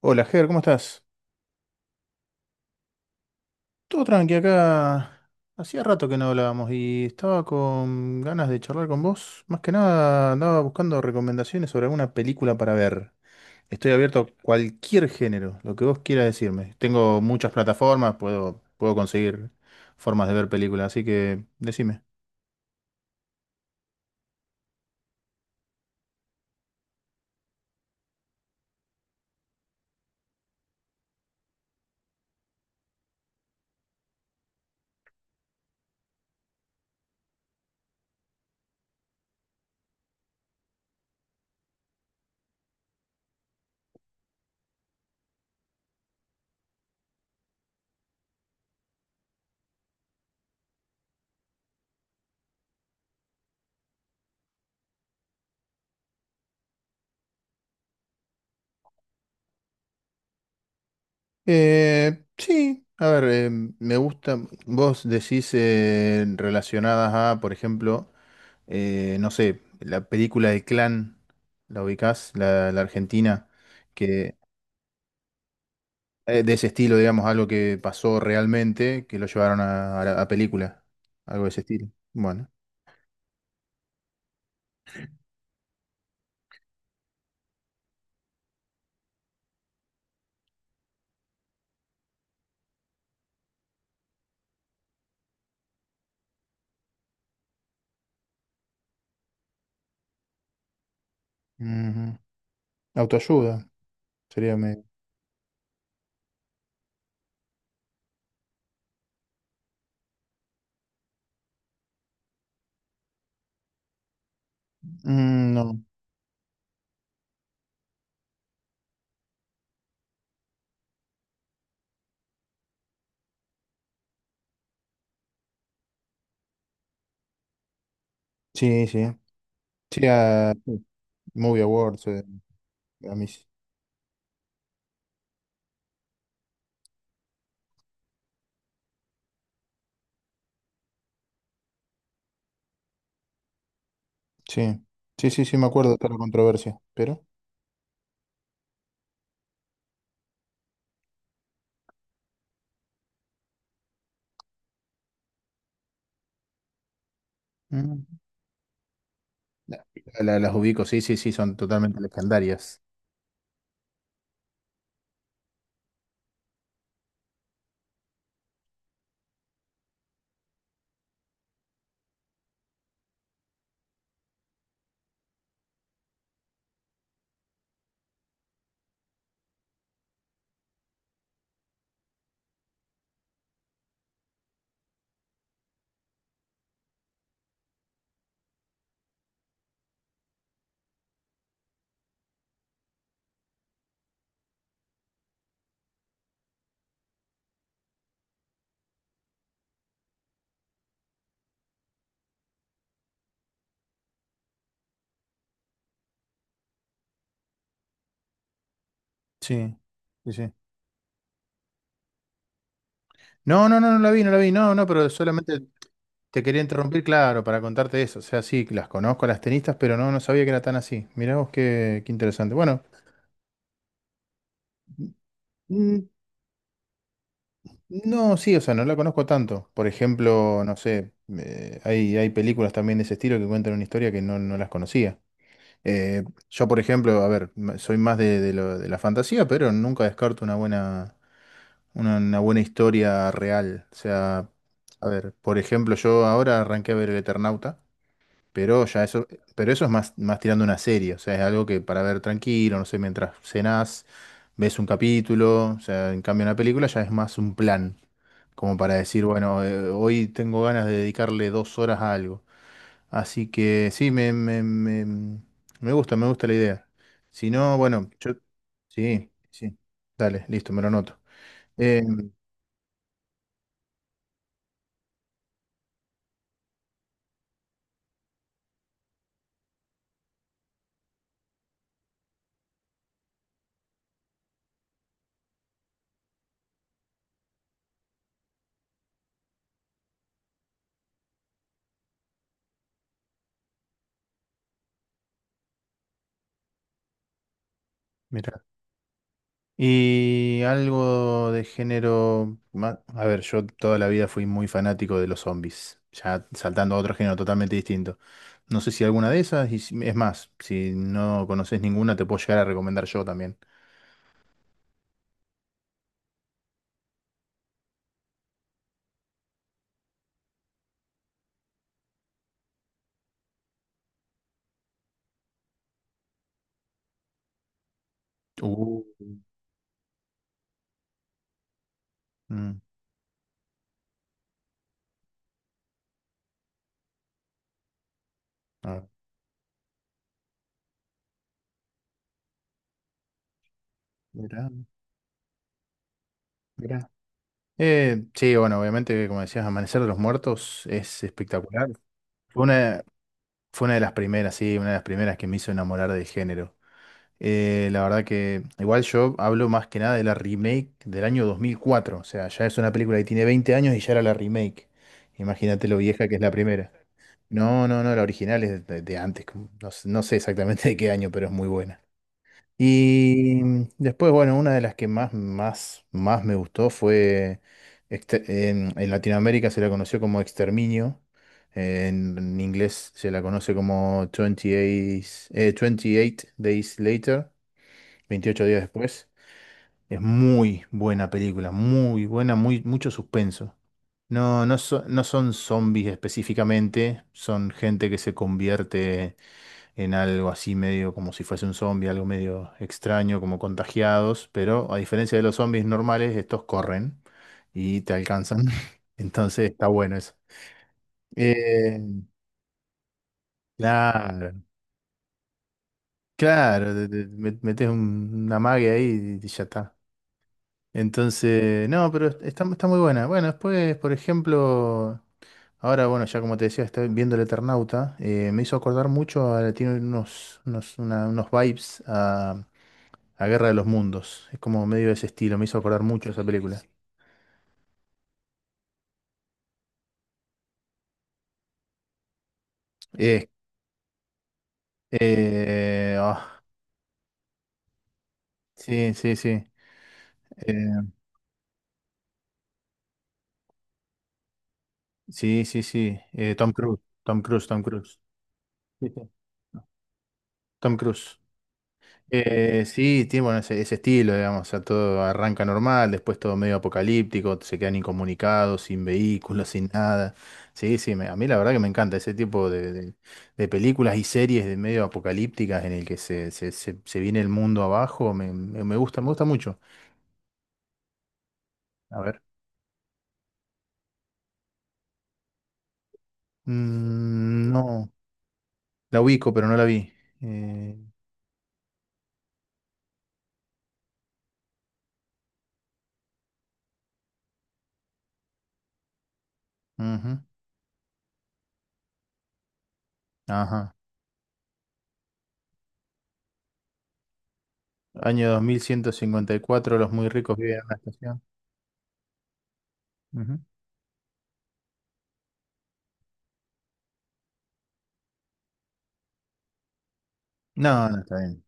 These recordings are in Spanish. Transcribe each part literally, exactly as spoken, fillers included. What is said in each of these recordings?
Hola, Ger, ¿cómo estás? Todo tranqui acá. Hacía rato que no hablábamos y estaba con ganas de charlar con vos. Más que nada andaba buscando recomendaciones sobre alguna película para ver. Estoy abierto a cualquier género, lo que vos quieras decirme. Tengo muchas plataformas, puedo, puedo conseguir formas de ver películas, así que decime. Eh, sí, a ver, eh, me gusta, vos decís eh, relacionadas a, por ejemplo, eh, no sé, la película de Clan, ¿la ubicás? La, la argentina, que eh, de ese estilo, digamos, algo que pasó realmente, que lo llevaron a, a la- a película, algo de ese estilo. Bueno. Ujú. Autoayuda, sería medio. Mm, no, sí, sí. Sí, a sí, Movie Awards, eh, Grammys. Sí, sí, sí, sí, me acuerdo de toda la controversia, pero... Mm. La- la- las ubico, sí, sí, sí, son totalmente legendarias. Sí, sí, sí. No, no, no, no la vi, no la vi, no, no, pero solamente te quería interrumpir, claro, para contarte eso. O sea, sí, las conozco a las tenistas, pero no, no sabía que era tan así. Mirá vos qué, qué interesante. Bueno, mm, no, sí, o sea, no la conozco tanto. Por ejemplo, no sé, eh, hay, hay películas también de ese estilo que cuentan una historia que no, no las conocía. Eh, yo, por ejemplo, a ver, m- soy más de, de lo- de la fantasía, pero nunca descarto una buena, una, una buena historia real. O sea, a ver, por ejemplo, yo ahora arranqué a ver El Eternauta. Pero ya eso, pero eso es más, más tirando una serie, o sea, es algo que para ver tranquilo, no sé, mientras cenás, ves un capítulo, o sea, en cambio una película ya es más un plan, como para decir, bueno, eh, hoy tengo ganas de dedicarle dos horas a algo. Así que sí, me, me, me, me gusta, me gusta la idea. Si no, bueno, yo, sí, sí, dale, listo, me lo noto. Eh, mira. Y algo de género... ma- A ver, yo toda la vida fui muy fanático de los zombies, ya saltando a otro género totalmente distinto. No sé si alguna de esas, y si- es más, si no conoces ninguna, te puedo llegar a recomendar yo también. Uh. Mm, ah, mirá, mirá. Eh, sí, bueno, obviamente, como decías, Amanecer de los Muertos es espectacular. Fue una, fue una de las primeras, sí, una de las primeras que me hizo enamorar del género. Eh, la verdad que igual yo hablo más que nada de la remake del año dos mil cuatro. O sea, ya es una película que tiene veinte años y ya era la remake. Imagínate lo vieja que es la primera. No, no, no, la original es de, de antes. como- No, sé no sé exactamente de qué año, pero es muy buena. Y después, bueno, una de las que más, más, más me gustó fue, exte- en, en Latinoamérica se la conoció como Exterminio. En, en inglés se la conoce como veintiocho, eh, veintiocho Days Later. Veintiocho días después. Es muy buena película, muy buena, muy, mucho suspenso. No, no, so- no son zombies específicamente, son gente que se convierte en algo así medio como si fuese un zombie, algo medio extraño, como contagiados, pero a diferencia de los zombies normales, estos corren y te alcanzan. Entonces está bueno eso. Eh, claro, claro, te- te met- metes un- una magia ahí y ya está. Entonces, no, pero está, está muy buena. Bueno, después, por ejemplo, ahora, bueno, ya como te decía, estoy viendo El Eternauta. eh, me hizo acordar mucho, a- tiene unos, unos, una- unos vibes a, a Guerra de los Mundos. Es como medio de ese estilo, me hizo acordar mucho esa película. Eh, eh, ah, sí, sí, sí. eh, sí, sí, sí. eh, Tom Cruise, Tom Cruise, Tom Cruise. Sí, sí. Tom Cruise. Eh, sí, tiene bueno, ese, ese estilo, digamos, o sea, todo arranca normal, después todo medio apocalíptico, se quedan incomunicados, sin vehículos, sin nada. Sí, sí, me- a mí la verdad que me encanta ese tipo de, de- de películas y series de medio apocalípticas en el que se, se, se- se viene el mundo abajo, me, me- me gusta, me gusta mucho. A ver. Mm, no, la ubico, pero no la vi. Eh, ujú, ajá. Año dos mil ciento cincuenta y cuatro, los muy ricos viven en una estación. Ujú. No, no está bien.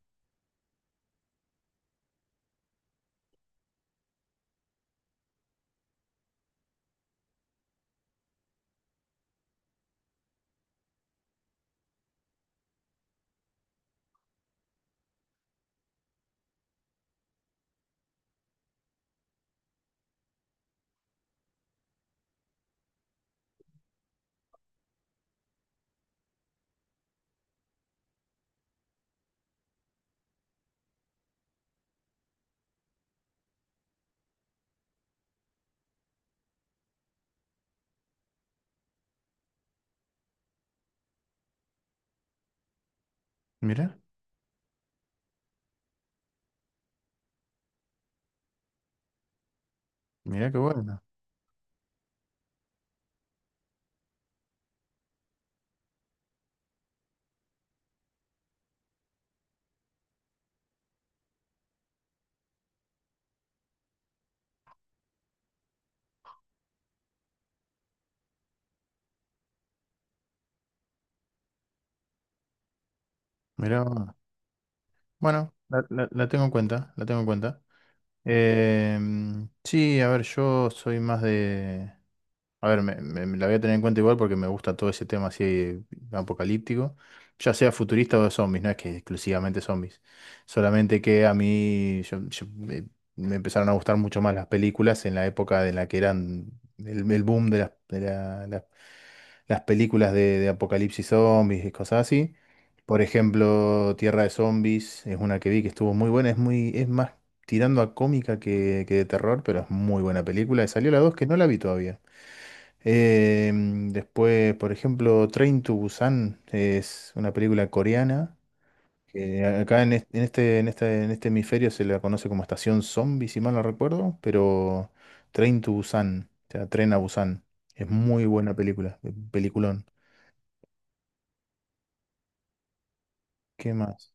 Mira. Mirá qué bueno. Mirá vos. Bueno, la, la- la tengo en cuenta, la tengo en cuenta. Em, sí, a ver, yo soy más de... A ver, me, me- me la voy a tener en cuenta igual porque me gusta todo ese tema así apocalíptico, ya sea futurista o de zombies, no es que exclusivamente zombies, solamente que a mí yo- yo- me, me empezaron a gustar mucho más las películas en la época en la que eran el, el boom de las, de la- la- las películas de, de apocalipsis zombies y cosas así. Por ejemplo, Tierra de Zombies es una que vi que estuvo muy buena, es muy, es más tirando a cómica que, que de terror, pero es muy buena película. Y salió la dos que no la vi todavía. Eh, después, por ejemplo, Train to Busan es una película coreana que acá en es- en este, en este, en este hemisferio se la conoce como Estación Zombie, si mal no recuerdo, pero Train to Busan, o sea, Tren a Busan. Es muy buena película, eh, peliculón. ¿Qué más?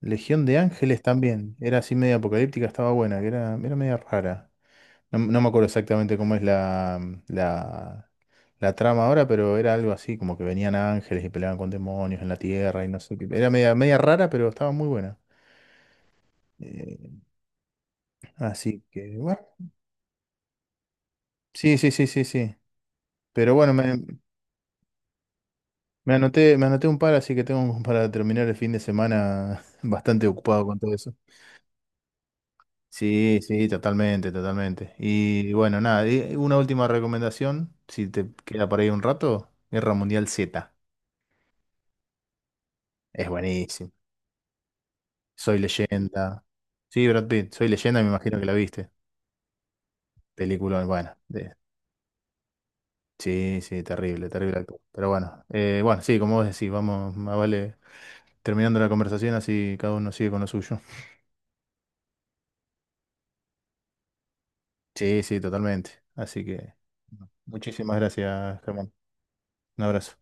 Legión de Ángeles también, era así media apocalíptica, estaba buena, que era, era media rara. No, no me acuerdo exactamente cómo es la, la, la trama ahora, pero era algo así, como que venían ángeles y peleaban con demonios en la tierra y no sé qué. Era media, media rara, pero estaba muy buena. Eh, así que, bueno. Sí, sí, sí, sí, sí. Pero bueno, me, me anoté, me anoté un par, así que tengo para terminar el fin de semana bastante ocupado con todo eso. Sí, sí, totalmente, totalmente. Y bueno, nada, y una última recomendación, si te queda por ahí un rato, Guerra Mundial Z. Es buenísimo. Soy leyenda. Sí, Brad Pitt, Soy leyenda, me imagino que la viste. Película, bueno. de- Sí, sí, terrible, terrible actor. Pero bueno, eh, bueno, sí, como vos decís, vamos, más vale terminando la conversación así cada uno sigue con lo suyo. Sí, sí, totalmente. Así que, bueno, muchísimas gracias, Germán. Un abrazo.